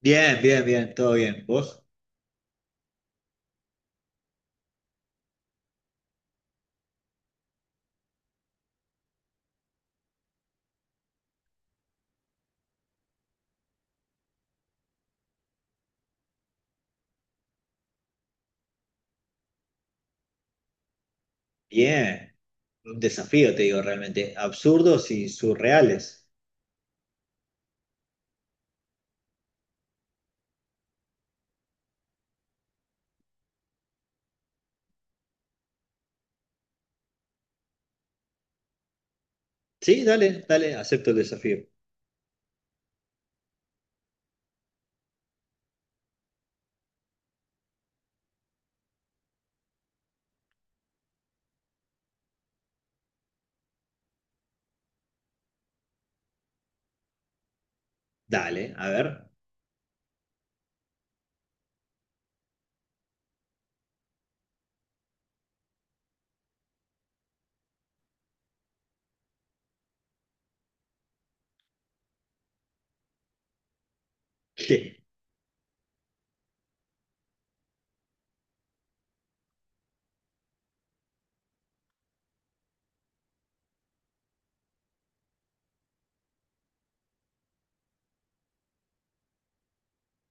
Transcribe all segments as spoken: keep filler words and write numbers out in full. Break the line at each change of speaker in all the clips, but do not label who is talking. Bien, bien, bien, todo bien. ¿Vos? Bien. Un desafío, te digo, realmente. Absurdos y surreales. Sí, dale, dale, acepto el desafío. Dale, a ver. ¿Qué?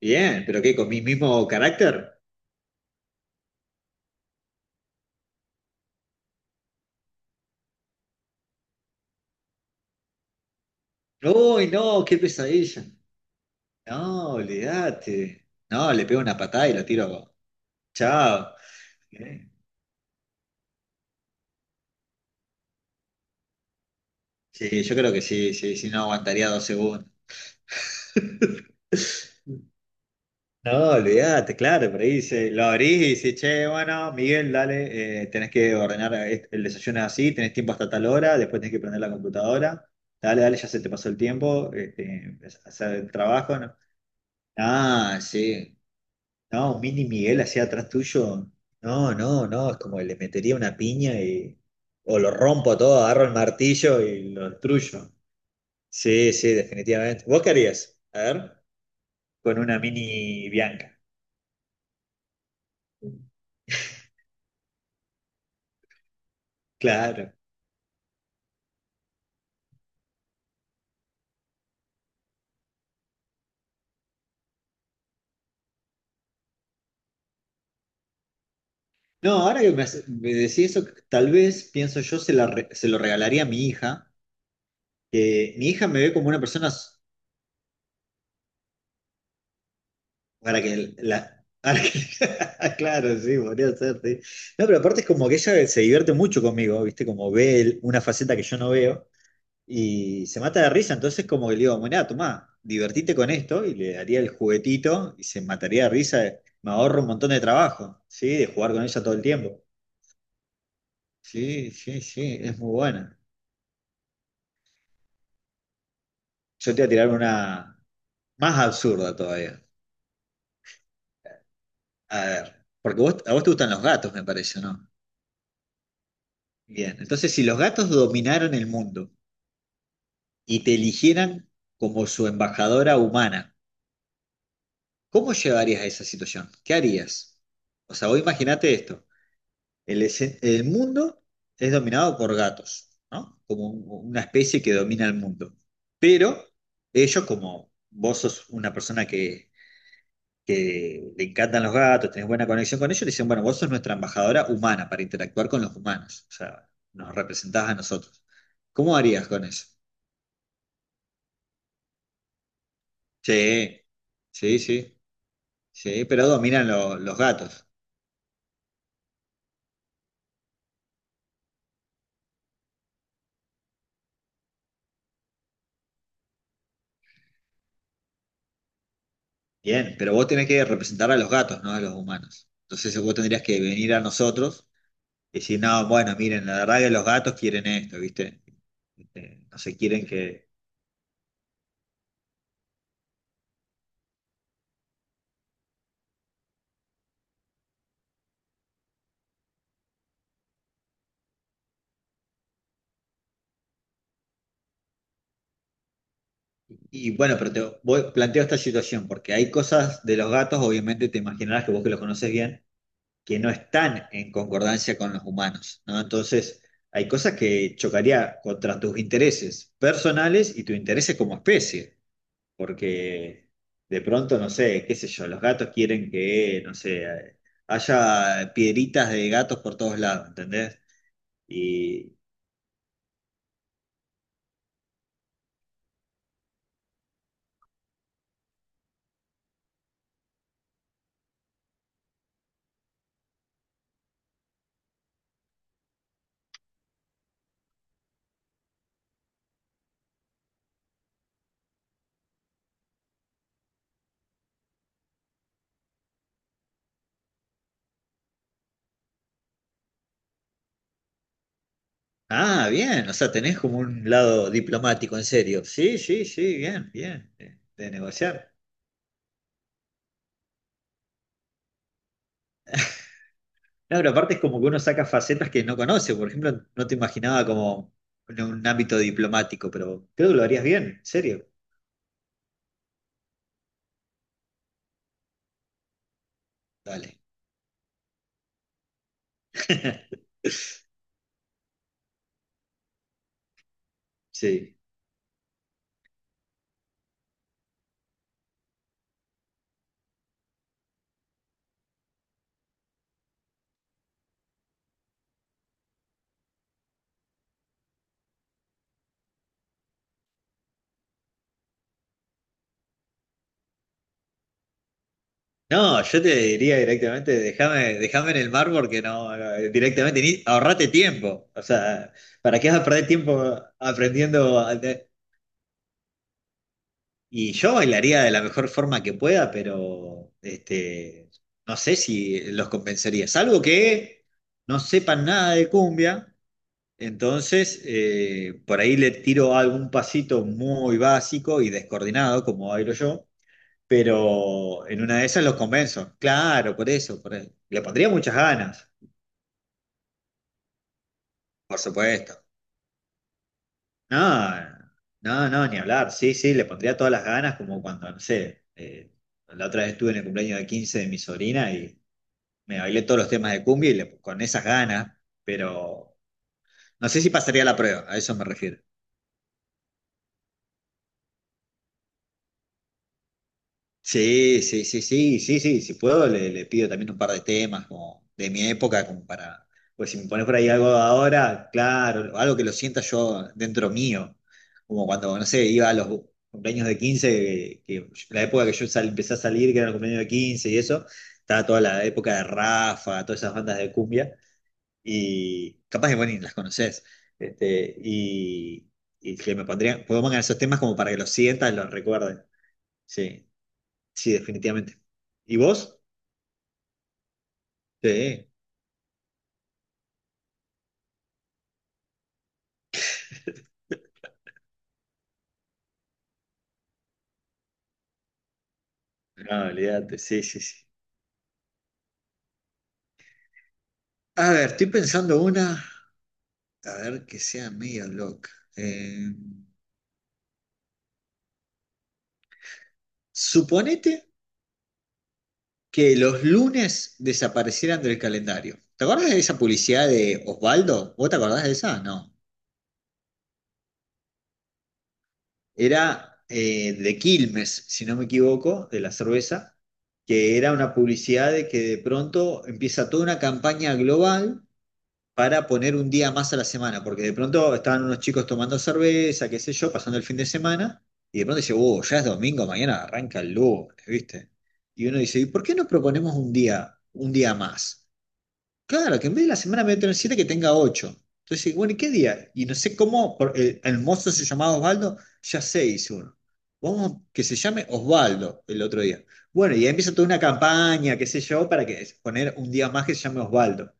Bien, pero ¿qué? ¿Con mi mismo carácter? Uy, no, qué pesadilla. No, olvídate. No, le pego una patada y lo tiro. Chao. ¿Eh? Sí, yo creo que sí, sí, sí, no aguantaría dos segundos. No, olvídate, claro, por ahí se, lo abrís y dices, che, bueno, Miguel, dale, eh, tenés que ordenar est- el desayuno es así, tenés tiempo hasta tal hora, después tenés que prender la computadora, dale, dale, ya se te pasó el tiempo, este, hacer el trabajo, ¿no? Ah, sí, no, un mini Miguel así atrás tuyo, no, no, no, es como que le metería una piña y, o lo rompo todo, agarro el martillo y lo destruyo. Sí, sí, definitivamente. ¿Vos qué harías? A ver, con una mini Bianca. Claro. No, ahora que me, hace- me decís eso, tal vez pienso yo se, la re- se lo regalaría a mi hija, que mi hija me ve como una persona s- para que la... para que- Claro, sí, podría ser, sí. No, pero aparte es como que ella se divierte mucho conmigo, ¿viste? Como ve el- una faceta que yo no veo y se mata de risa, entonces como que le digo, bueno, tomá, divertite con esto y le daría el juguetito y se mataría de risa, me ahorro un montón de trabajo, ¿sí? De jugar con ella todo el tiempo. Sí, sí, sí, es muy buena. Yo te voy a tirar una... Más absurdo todavía. A ver, porque vos, a vos te gustan los gatos, me parece, ¿no? Bien, entonces si los gatos dominaran el mundo y te eligieran como su embajadora humana, ¿cómo llevarías a esa situación? ¿Qué harías? O sea, vos imaginate esto, el, escen- el mundo es dominado por gatos, ¿no? Como un- una especie que domina el mundo. Pero ellos, como vos sos una persona que que le encantan los gatos, tenés buena conexión con ellos, le dicen, bueno, vos sos nuestra embajadora humana para interactuar con los humanos, o sea, nos representás a nosotros. ¿Cómo harías con eso? Sí, sí, sí, sí, pero dominan lo- los gatos. Bien, pero vos tenés que representar a los gatos, no a los humanos. Entonces vos tendrías que venir a nosotros y decir, no, bueno, miren, la verdad que los gatos quieren esto, ¿viste? Este, no se quieren que. Y bueno, pero te voy- planteo esta situación, porque hay cosas de los gatos, obviamente te imaginarás que vos que los conoces bien, que no están en concordancia con los humanos, ¿no? Entonces, hay cosas que chocaría contra tus intereses personales y tu intereses como especie, porque de pronto, no sé, qué sé yo, los gatos quieren que, no sé, haya piedritas de gatos por todos lados, ¿entendés? Y. Ah, bien, o sea, tenés como un lado diplomático, en serio. Sí, sí, sí, bien, bien, de, de negociar. No, pero aparte es como que uno saca facetas que no conoce. Por ejemplo, no te imaginaba como en un ámbito diplomático, pero creo que lo harías bien, en serio. Dale. Sí. No, yo te diría directamente, déjame, déjame en el mar porque no, eh, directamente, ni, ahorrate tiempo. O sea, ¿para qué vas a perder tiempo aprendiendo? Y yo bailaría de la mejor forma que pueda, pero este, no sé si los convencería. Salvo que no sepan nada de cumbia, entonces eh, por ahí le tiro algún pasito muy básico y descoordinado, como bailo yo, pero en una de esas los convenzo. Claro, por eso, por eso. Le pondría muchas ganas, por supuesto. No, no, no, ni hablar. Sí, sí, le pondría todas las ganas, como cuando, no sé, eh, la otra vez estuve en el cumpleaños de quince de mi sobrina y me bailé todos los temas de cumbia y le- con esas ganas, pero no sé si pasaría la prueba, a eso me refiero. Sí, sí, sí, sí, sí, sí, si puedo le, le pido también un par de temas como de mi época, como para, pues si me pones por ahí algo de ahora, claro, algo que lo sienta yo dentro mío, como cuando, no sé, iba a los cumpleaños de quince que, que la época que yo sal- empecé a salir, que era el cumpleaños de quince y eso, estaba toda la época de Rafa, todas esas bandas de cumbia, y capaz que, bueno, ni las conoces, este, y, y que me pondrían, pongan esos temas como para que los sientas, los recuerdes, sí. Sí, definitivamente. ¿Y vos? Sí, no, olvídate, sí, sí, sí. A ver, estoy pensando una, a ver que sea medio loca. Eh, suponete que los lunes desaparecieran del calendario. ¿Te acordás de esa publicidad de Osvaldo? ¿Vos te acordás de esa? No. Era eh, de Quilmes, si no me equivoco, de la cerveza, que era una publicidad de que de pronto empieza toda una campaña global, para poner un día más a la semana, porque de pronto estaban unos chicos tomando cerveza, qué sé yo, pasando el fin de semana, y de pronto dice, oh, ya es domingo, mañana arranca el lunes, ¿viste? Y uno dice, ¿y por qué no proponemos un día, un día más? Claro, que en vez de la semana voy a tener siete, que tenga ocho. Entonces, bueno, ¿y qué día? Y no sé cómo, por- el, el mozo se llamaba Osvaldo, ya sé, hizo uno. Vamos, que se llame Osvaldo el otro día. Bueno, y ahí empieza toda una campaña, qué sé yo, para que poner un día más que se llame Osvaldo.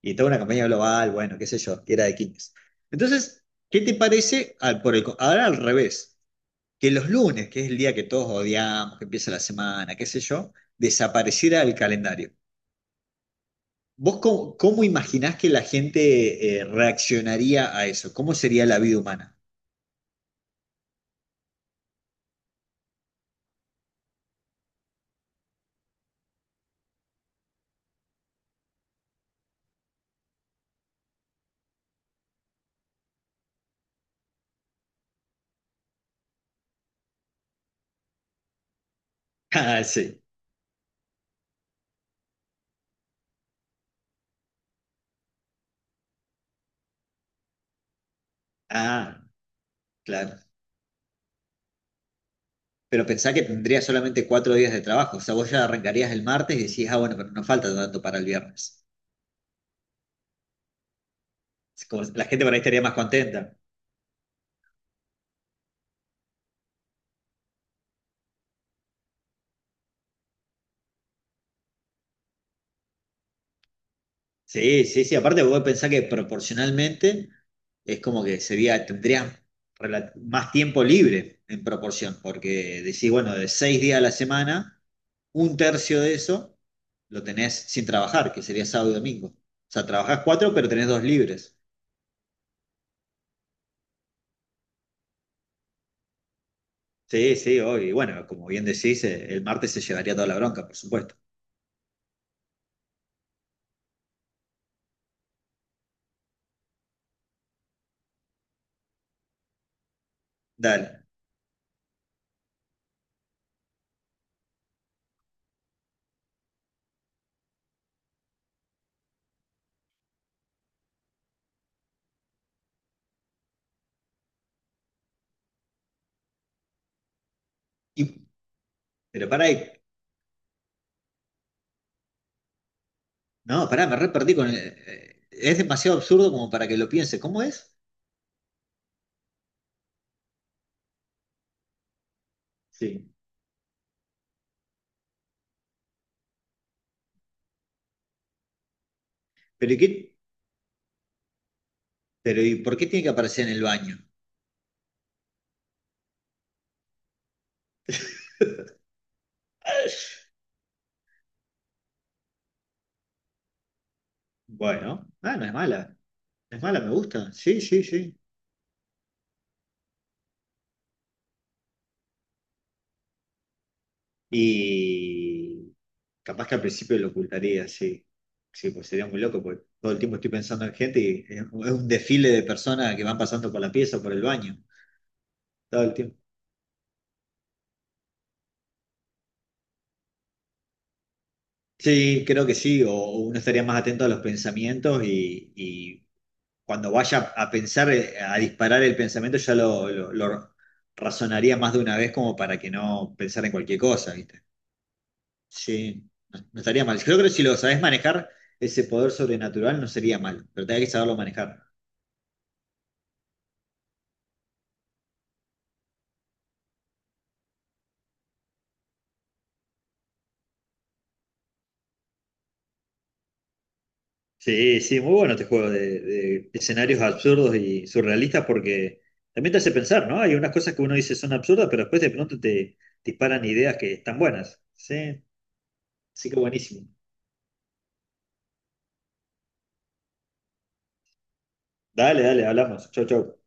Y toda una campaña global, bueno, qué sé yo, que era de quienes. Entonces, ¿qué te parece? al- por el co- ahora al revés, que los lunes, que es el día que todos odiamos, que empieza la semana, qué sé yo, desapareciera el calendario. ¿Vos cómo, cómo imaginás que la gente eh, reaccionaría a eso? ¿Cómo sería la vida humana? Ah, sí. Ah, claro. Pero pensá que tendría solamente cuatro días de trabajo. O sea, vos ya arrancarías el martes y decís, ah, bueno, pero nos falta tanto para el viernes. Es como- la gente por ahí estaría más contenta. Sí, sí, sí. Aparte, vos pensás que proporcionalmente es como que sería, tendrías rela- más tiempo libre en proporción, porque decís, bueno, de seis días a la semana, un tercio de eso lo tenés sin trabajar, que sería sábado y domingo. O sea, trabajás cuatro, pero tenés dos libres. Sí, sí, obvio. Y bueno, como bien decís, eh, el martes se llevaría toda la bronca, por supuesto. Dale. Y- pero pará, y- no, pará, me re perdí con el- eh, es demasiado absurdo como para que lo piense. ¿Cómo es? Sí. Pero ¿y qué? Pero ¿y por qué tiene que aparecer en el baño? Bueno, ah, no es mala. No es mala, me gusta. Sí, sí, sí. Y capaz que al principio lo ocultaría, sí. Sí, pues sería muy loco, porque todo el tiempo estoy pensando en gente y es un es un desfile de personas que van pasando por la pieza o por el baño. Todo el tiempo. Sí, creo que sí. O, o uno estaría más atento a los pensamientos y, y cuando vaya a pensar, eh, a disparar el pensamiento, ya lo, lo- lo razonaría más de una vez como para que no pensar en cualquier cosa, ¿viste? Sí, no, no estaría mal. Yo creo que si lo sabés manejar, ese poder sobrenatural no sería mal, pero tenés que saberlo manejar. Sí, sí, muy bueno este juego de, de escenarios absurdos y surrealistas porque también te hace pensar, ¿no? Hay unas cosas que uno dice son absurdas, pero después de pronto te disparan ideas que están buenas. Sí, sí que buenísimo. Dale, dale, hablamos. Chau, chau.